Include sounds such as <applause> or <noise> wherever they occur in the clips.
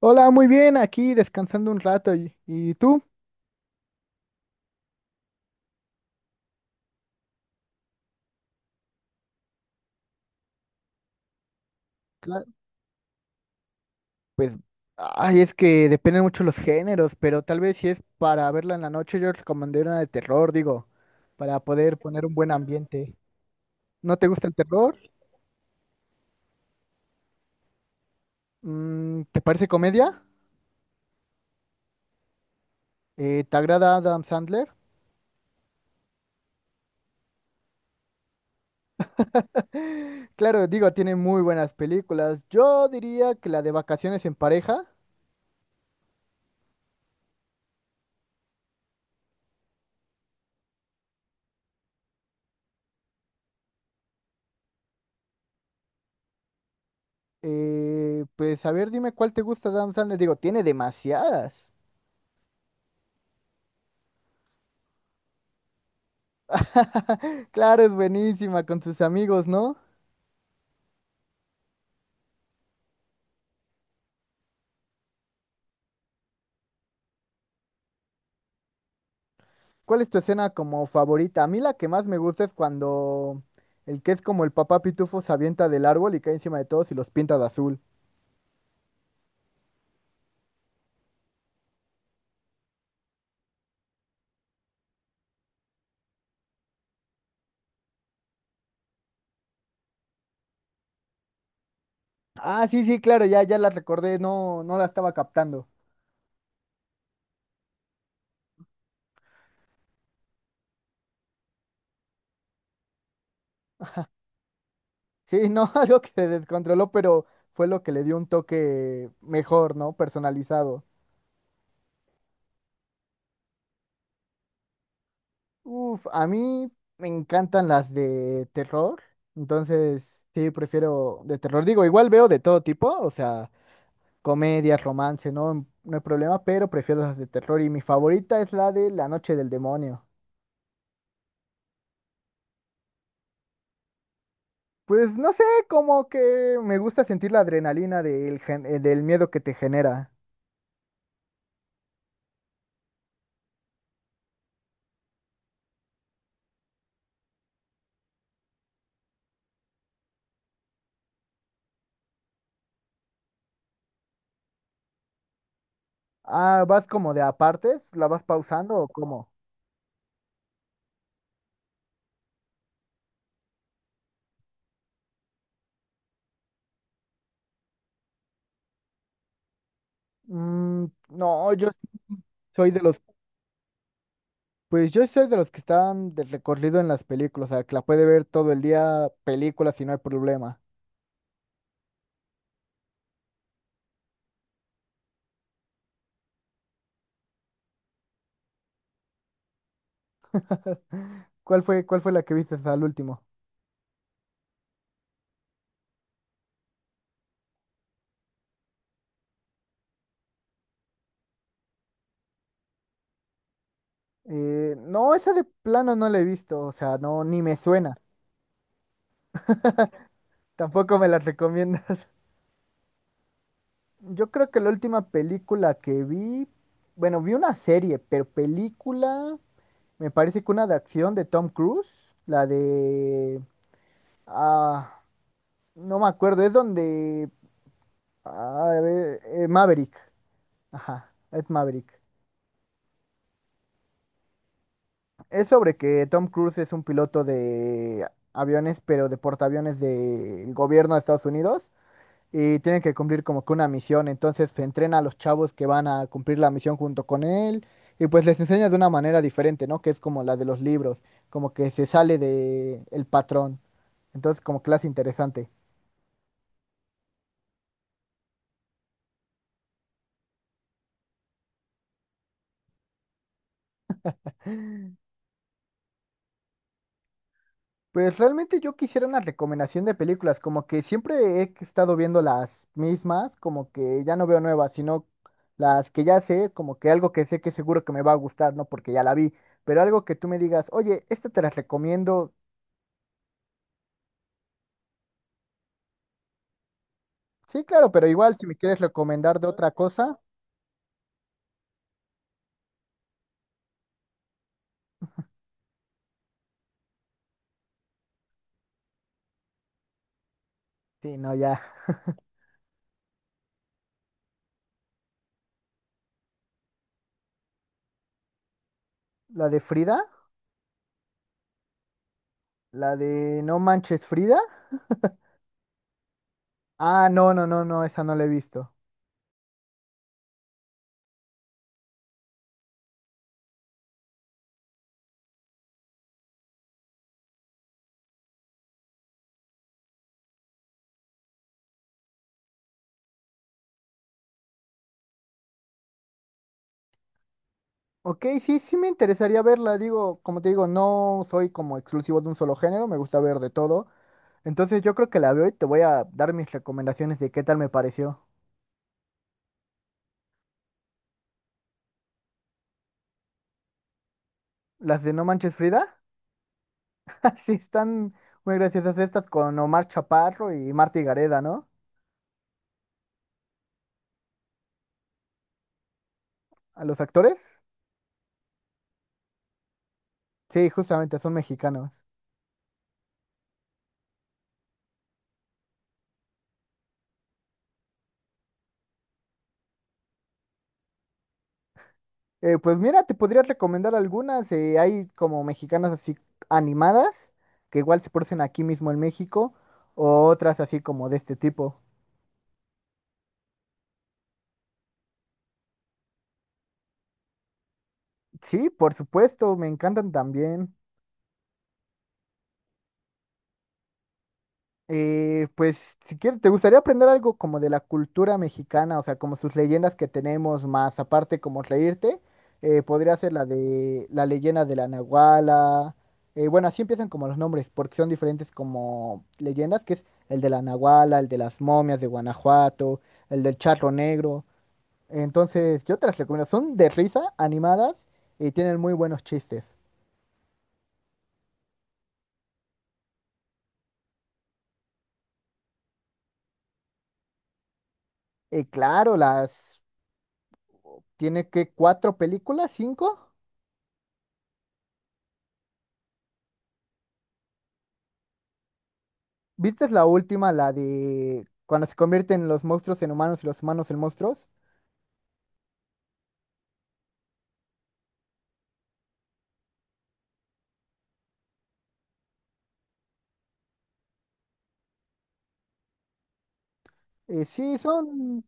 Hola, muy bien, aquí descansando un rato. ¿Y tú? Cla- Pues, Ay, es que dependen mucho los géneros, pero tal vez si es para verla en la noche, yo recomendé una de terror, digo, para poder poner un buen ambiente. ¿No te gusta el terror? Mm, ¿te parece comedia? ¿Te agrada Adam Sandler? <laughs> Claro, digo, tiene muy buenas películas. Yo diría que la de Vacaciones en pareja. A ver, dime cuál te gusta de Adam Sandler. Digo, tiene demasiadas. <laughs> Claro, es buenísima con sus amigos, ¿no? ¿Cuál es tu escena como favorita? A mí la que más me gusta es cuando el que es como el papá pitufo se avienta del árbol y cae encima de todos y los pinta de azul. Ah, sí, sí, claro, ya, ya la recordé, no la estaba captando. Sí, no, <laughs> algo que se descontroló, pero fue lo que le dio un toque mejor, ¿no? Personalizado. Uf, a mí me encantan las de terror, entonces sí, prefiero de terror. Digo, igual veo de todo tipo, o sea, comedias, romance, no, no hay problema, pero prefiero las de terror y mi favorita es la de La Noche del Demonio. Pues no sé, como que me gusta sentir la adrenalina del miedo que te genera. Ah, ¿vas como de apartes? ¿La vas pausando o cómo? Mm, no, yo soy de los que están de recorrido en las películas, o sea, que la puede ver todo el día películas y no hay problema. <laughs> ¿Cuál fue la que viste al último? No, esa de plano no la he visto, o sea, no, ni me suena. Tampoco me la recomiendas. <laughs> Yo creo que la última película que vi, bueno, vi una serie, pero película, me parece que una de acción de Tom Cruise, la de, ah, no me acuerdo, es donde, ah, a ver, Maverick, ajá, es Maverick. Es sobre que Tom Cruise es un piloto de aviones, pero de portaaviones del gobierno de Estados Unidos, y tienen que cumplir como que una misión. Entonces se entrena a los chavos que van a cumplir la misión junto con él y pues les enseña de una manera diferente, ¿no? Que es como la de los libros, como que se sale de el patrón. Entonces como clase interesante. Pues realmente yo quisiera una recomendación de películas, como que siempre he estado viendo las mismas, como que ya no veo nuevas, sino las que ya sé, como que algo que sé que seguro que me va a gustar, ¿no? Porque ya la vi, pero algo que tú me digas, oye, esta te la recomiendo. Sí, claro, pero igual si me quieres recomendar de otra cosa, sí, no, ya. La de Frida, la de No Manches Frida. Ah, no, no, no, no, esa no la he visto. Ok, sí, sí me interesaría verla, digo, como te digo, no soy como exclusivo de un solo género, me gusta ver de todo. Entonces yo creo que la veo y te voy a dar mis recomendaciones de qué tal me pareció. Las de No Manches Frida, <laughs> sí están muy graciosas estas con Omar Chaparro y Marta Gareda, ¿no? A los actores. Sí, justamente, son mexicanos. Pues mira, te podría recomendar algunas. Hay como mexicanas así animadas, que igual se producen aquí mismo en México, o otras así como de este tipo. Sí, por supuesto, me encantan también. Pues si quieres, ¿te gustaría aprender algo como de la cultura mexicana? O sea, como sus leyendas que tenemos, más aparte como reírte, podría ser la de la leyenda de la Nahuala. Bueno, así empiezan como los nombres, porque son diferentes como leyendas, que es el de la Nahuala, el de las momias de Guanajuato, el del charro negro. Entonces, yo te las recomiendo. Son de risa, animadas y tienen muy buenos chistes. Claro, las tiene, que cuatro películas, cinco. ¿Viste la última, la de cuando se convierten los monstruos en humanos y los humanos en monstruos? Eh, sí, son,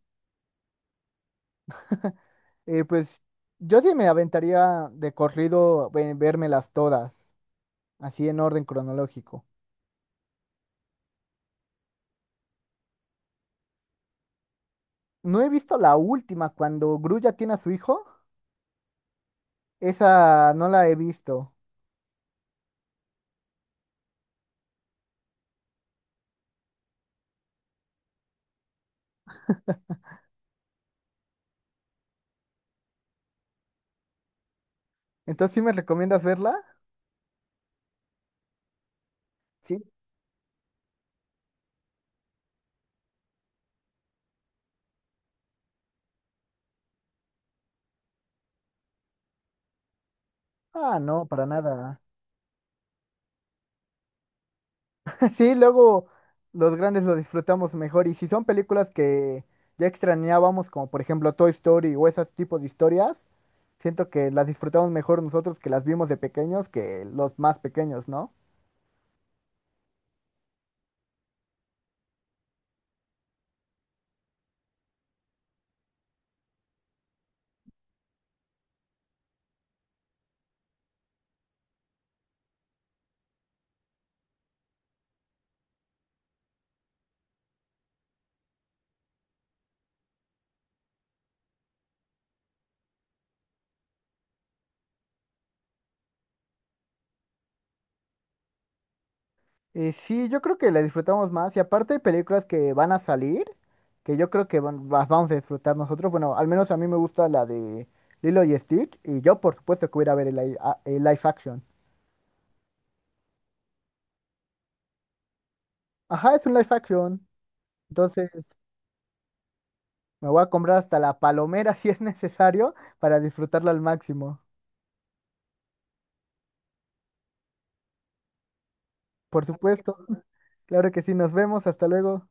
<laughs> pues yo sí me aventaría de corrido vérmelas todas, así en orden cronológico. No he visto la última, cuando Gru ya tiene a su hijo, esa no la he visto. Entonces, ¿sí me recomiendas verla? Sí. Ah, no, para nada. Sí, luego los grandes lo disfrutamos mejor y si son películas que ya extrañábamos, como por ejemplo Toy Story o ese tipo de historias, siento que las disfrutamos mejor nosotros que las vimos de pequeños que los más pequeños, ¿no? Sí, yo creo que las disfrutamos más y aparte hay películas que van a salir, que yo creo las vamos a disfrutar nosotros, bueno, al menos a mí me gusta la de Lilo y Stitch y yo por supuesto que voy a ir a ver el live action. Ajá, es un live action, entonces, me voy a comprar hasta la palomera <laughs> si es necesario para disfrutarla al máximo. Por supuesto. <laughs> Claro que sí, nos vemos. Hasta luego.